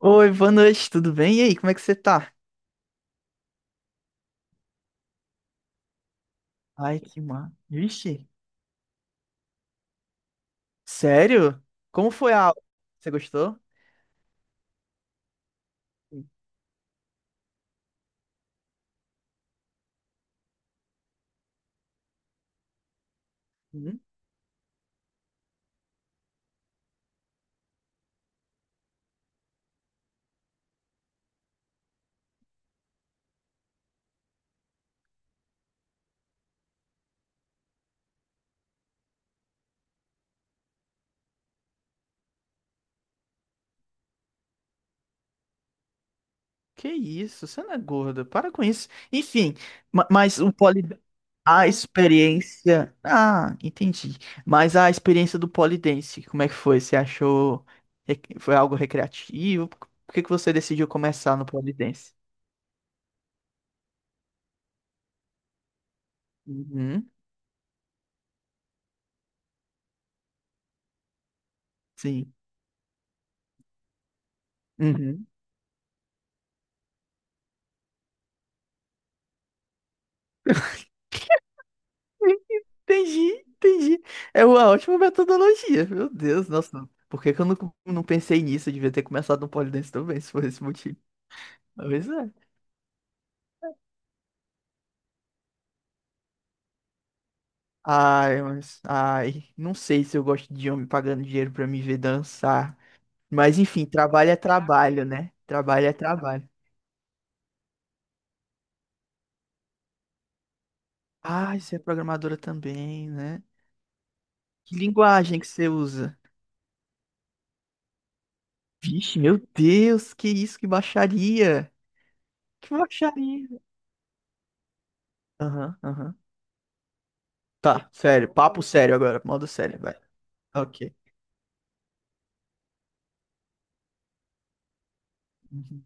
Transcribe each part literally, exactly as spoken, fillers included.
Oi, boa noite, tudo bem? E aí, como é que você tá? Ai, que mano. Vixe, sério? Como foi a aula? Você gostou? Hum, que isso, você não é gorda, para com isso. Enfim, ma- mas o poli... a experiência. Ah, entendi. Mas a experiência do polidense, como é que foi? Você achou. re- Foi algo recreativo? Por que que você decidiu começar no polidense? Uhum, sim. Uhum. Entendi, entendi. É uma ótima metodologia. Meu Deus, nossa. Por que que eu não, Não pensei nisso? Eu devia ter começado no pole dance também, se for esse motivo. Talvez é. Ai, mas. Ai, não sei se eu gosto de homem pagando dinheiro pra me ver dançar. Mas enfim, trabalho é trabalho, né? Trabalho é trabalho. Ai, você é programadora também, né? Que linguagem que você usa? Vixe, meu Deus, que isso, que baixaria! Que baixaria! Aham, aham. Tá, sério, papo sério agora, modo sério, vai. Ok. Uhum,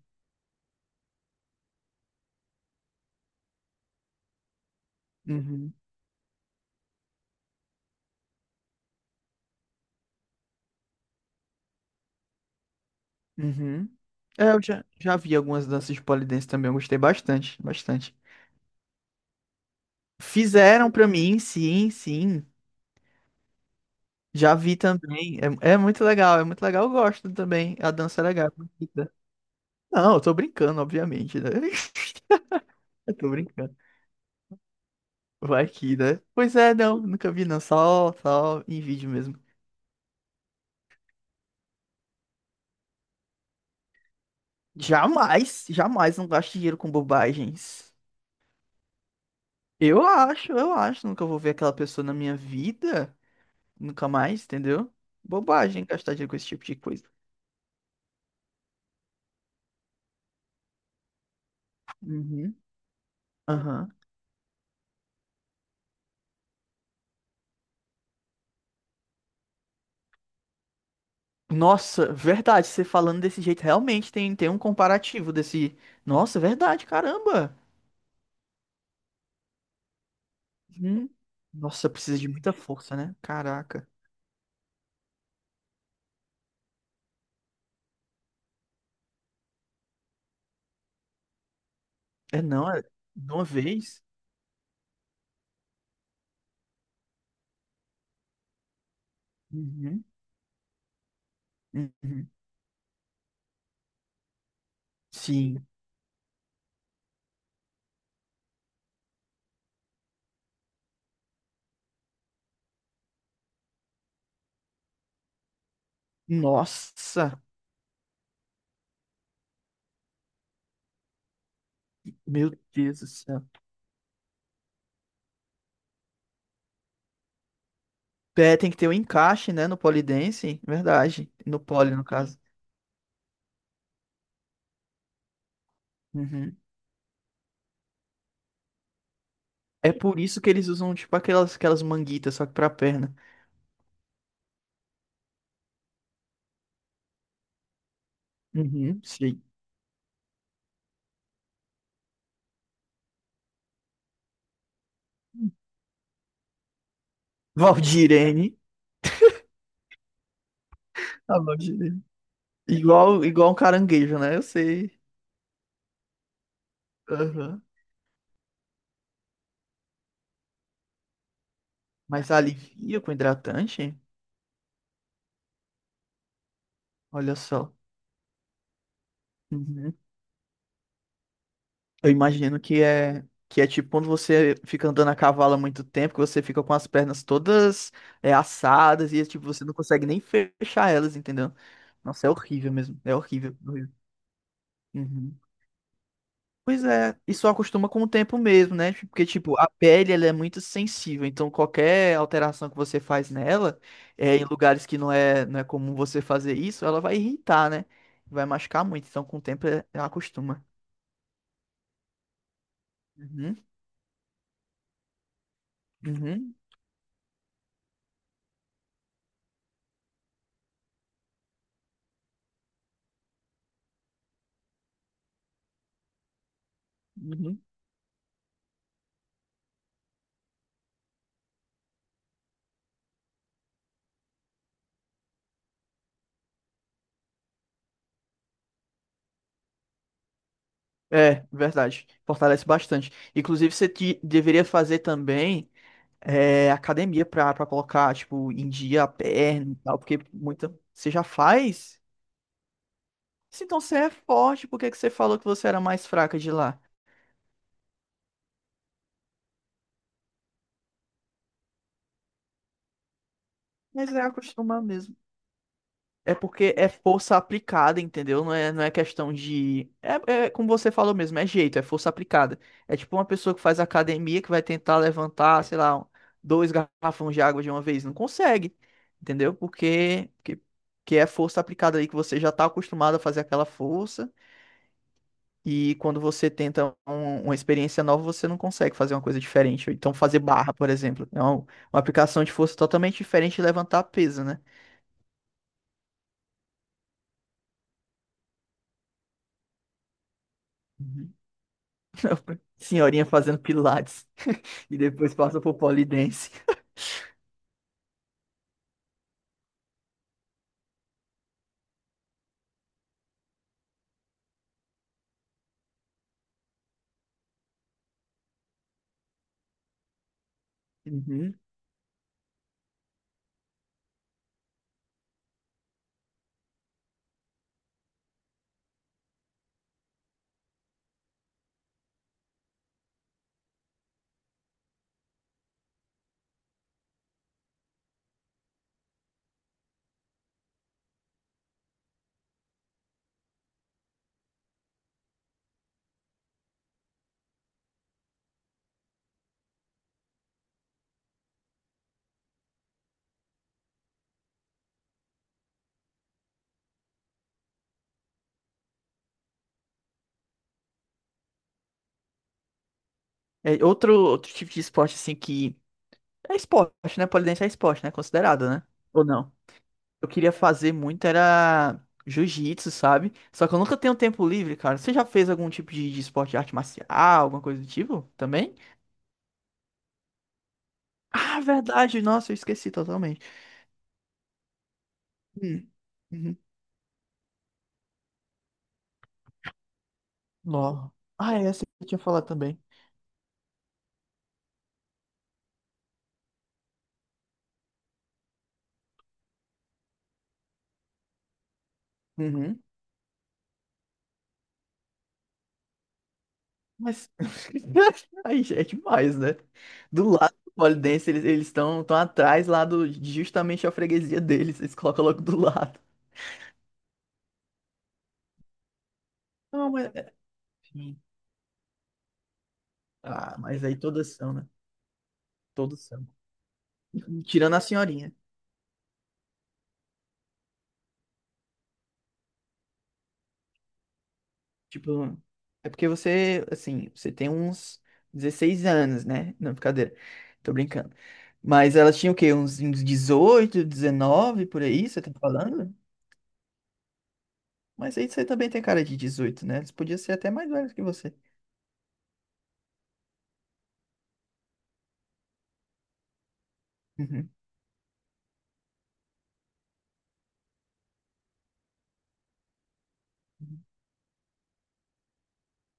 uhum, uhum. É, eu já, já vi algumas danças de pole dance também, eu gostei bastante, bastante. Fizeram pra mim, sim, sim. Já vi também. É, é muito legal, é muito legal, eu gosto também. A dança é legal, é bonita. Não, eu tô brincando, obviamente, né? Eu tô brincando. Vai que, né? Pois é, não, nunca vi, não. Só, só em vídeo mesmo. Jamais, jamais não gasto dinheiro com bobagens. Eu acho, eu acho. Nunca vou ver aquela pessoa na minha vida. Nunca mais, entendeu? Bobagem gastar dinheiro com esse tipo de coisa. Uhum. Aham. Nossa, verdade, você falando desse jeito, realmente tem, tem um comparativo desse. Nossa, verdade, caramba. Uhum. Nossa, precisa de muita força, né? Caraca. É não, é de uma vez? Uhum. Uhum. Sim. Nossa, meu Deus do céu. Pé tem que ter um encaixe, né, no polidense, verdade. No pole, no caso. Uhum. É por isso que eles usam, tipo, aquelas, aquelas manguitas, só que pra perna. Uhum, sim. Valdirene. A Valdirene. Igual, igual um caranguejo, né? Eu sei. Aham. Mas alivia com hidratante? Olha só. Uhum. Eu imagino que é que é tipo quando você fica andando a cavalo há muito tempo, que você fica com as pernas todas, é, assadas e tipo, você não consegue nem fechar elas, entendeu? Nossa, é horrível mesmo. É horrível, horrível. Uhum. Pois é, e só acostuma com o tempo mesmo, né? Tipo, porque, tipo, a pele, ela é muito sensível, então qualquer alteração que você faz nela, é, em lugares que não é, não é comum você fazer isso, ela vai irritar, né? Vai machucar muito, então com o tempo é- ela acostuma. Uhum, uhum, uhum. É, verdade, fortalece bastante. Inclusive, você te- deveria fazer também, é, academia pra, pra colocar, tipo, em dia a perna e tal, porque muita... Você já faz? Se então você é forte, por que que você falou que você era mais fraca de lá? Mas é acostumar mesmo. É porque é força aplicada, entendeu? Não é, não é questão de. É, é como você falou mesmo, é jeito, é força aplicada. É tipo uma pessoa que faz academia que vai tentar levantar, sei lá, um- dois garrafões de água de uma vez. Não consegue, entendeu? Porque que, que é força aplicada ali que você já tá acostumado a fazer aquela força. E quando você tenta um- uma experiência nova, você não consegue fazer uma coisa diferente. Ou então, fazer barra, por exemplo, é uma, uma aplicação de força totalmente diferente de levantar peso, né? Uhum. Senhorinha fazendo pilates e depois passa por polidense. Uhum. É outro, outro tipo de esporte, assim, que é esporte, né? Polidense é esporte, né? Considerado, né? Ou não? Eu queria fazer muito era jiu-jitsu, sabe? Só que eu nunca tenho tempo livre, cara. Você já fez algum tipo de, de esporte de arte marcial, alguma coisa do tipo também? Ah, verdade. Nossa, eu esqueci totalmente. Hum. Uhum. Nó. Ah, é, essa que eu tinha falado também. Uhum. Mas. Aí já é demais, né? Do lado do pole dance, eles eles estão tão atrás lá do, de justamente a freguesia deles. Eles colocam logo do lado. Não, mas. Sim. Ah, mas aí todas são, né? Todas são. Tirando a senhorinha. Tipo, é porque você, assim, você tem uns dezesseis anos, né? Não, brincadeira. Tô brincando. Mas elas tinham o quê? Uns uns dezoito, dezenove, por aí, você tá falando? Mas aí você também tem cara de dezoito, né? Eles podiam ser até mais velhos que você. Uhum.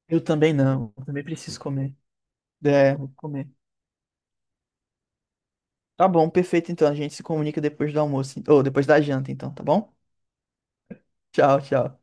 Eu também não. Eu também preciso comer. É, vou comer. Tá bom, perfeito. Então a gente se comunica depois do almoço. Ou depois da janta, então, tá bom? Tchau, tchau.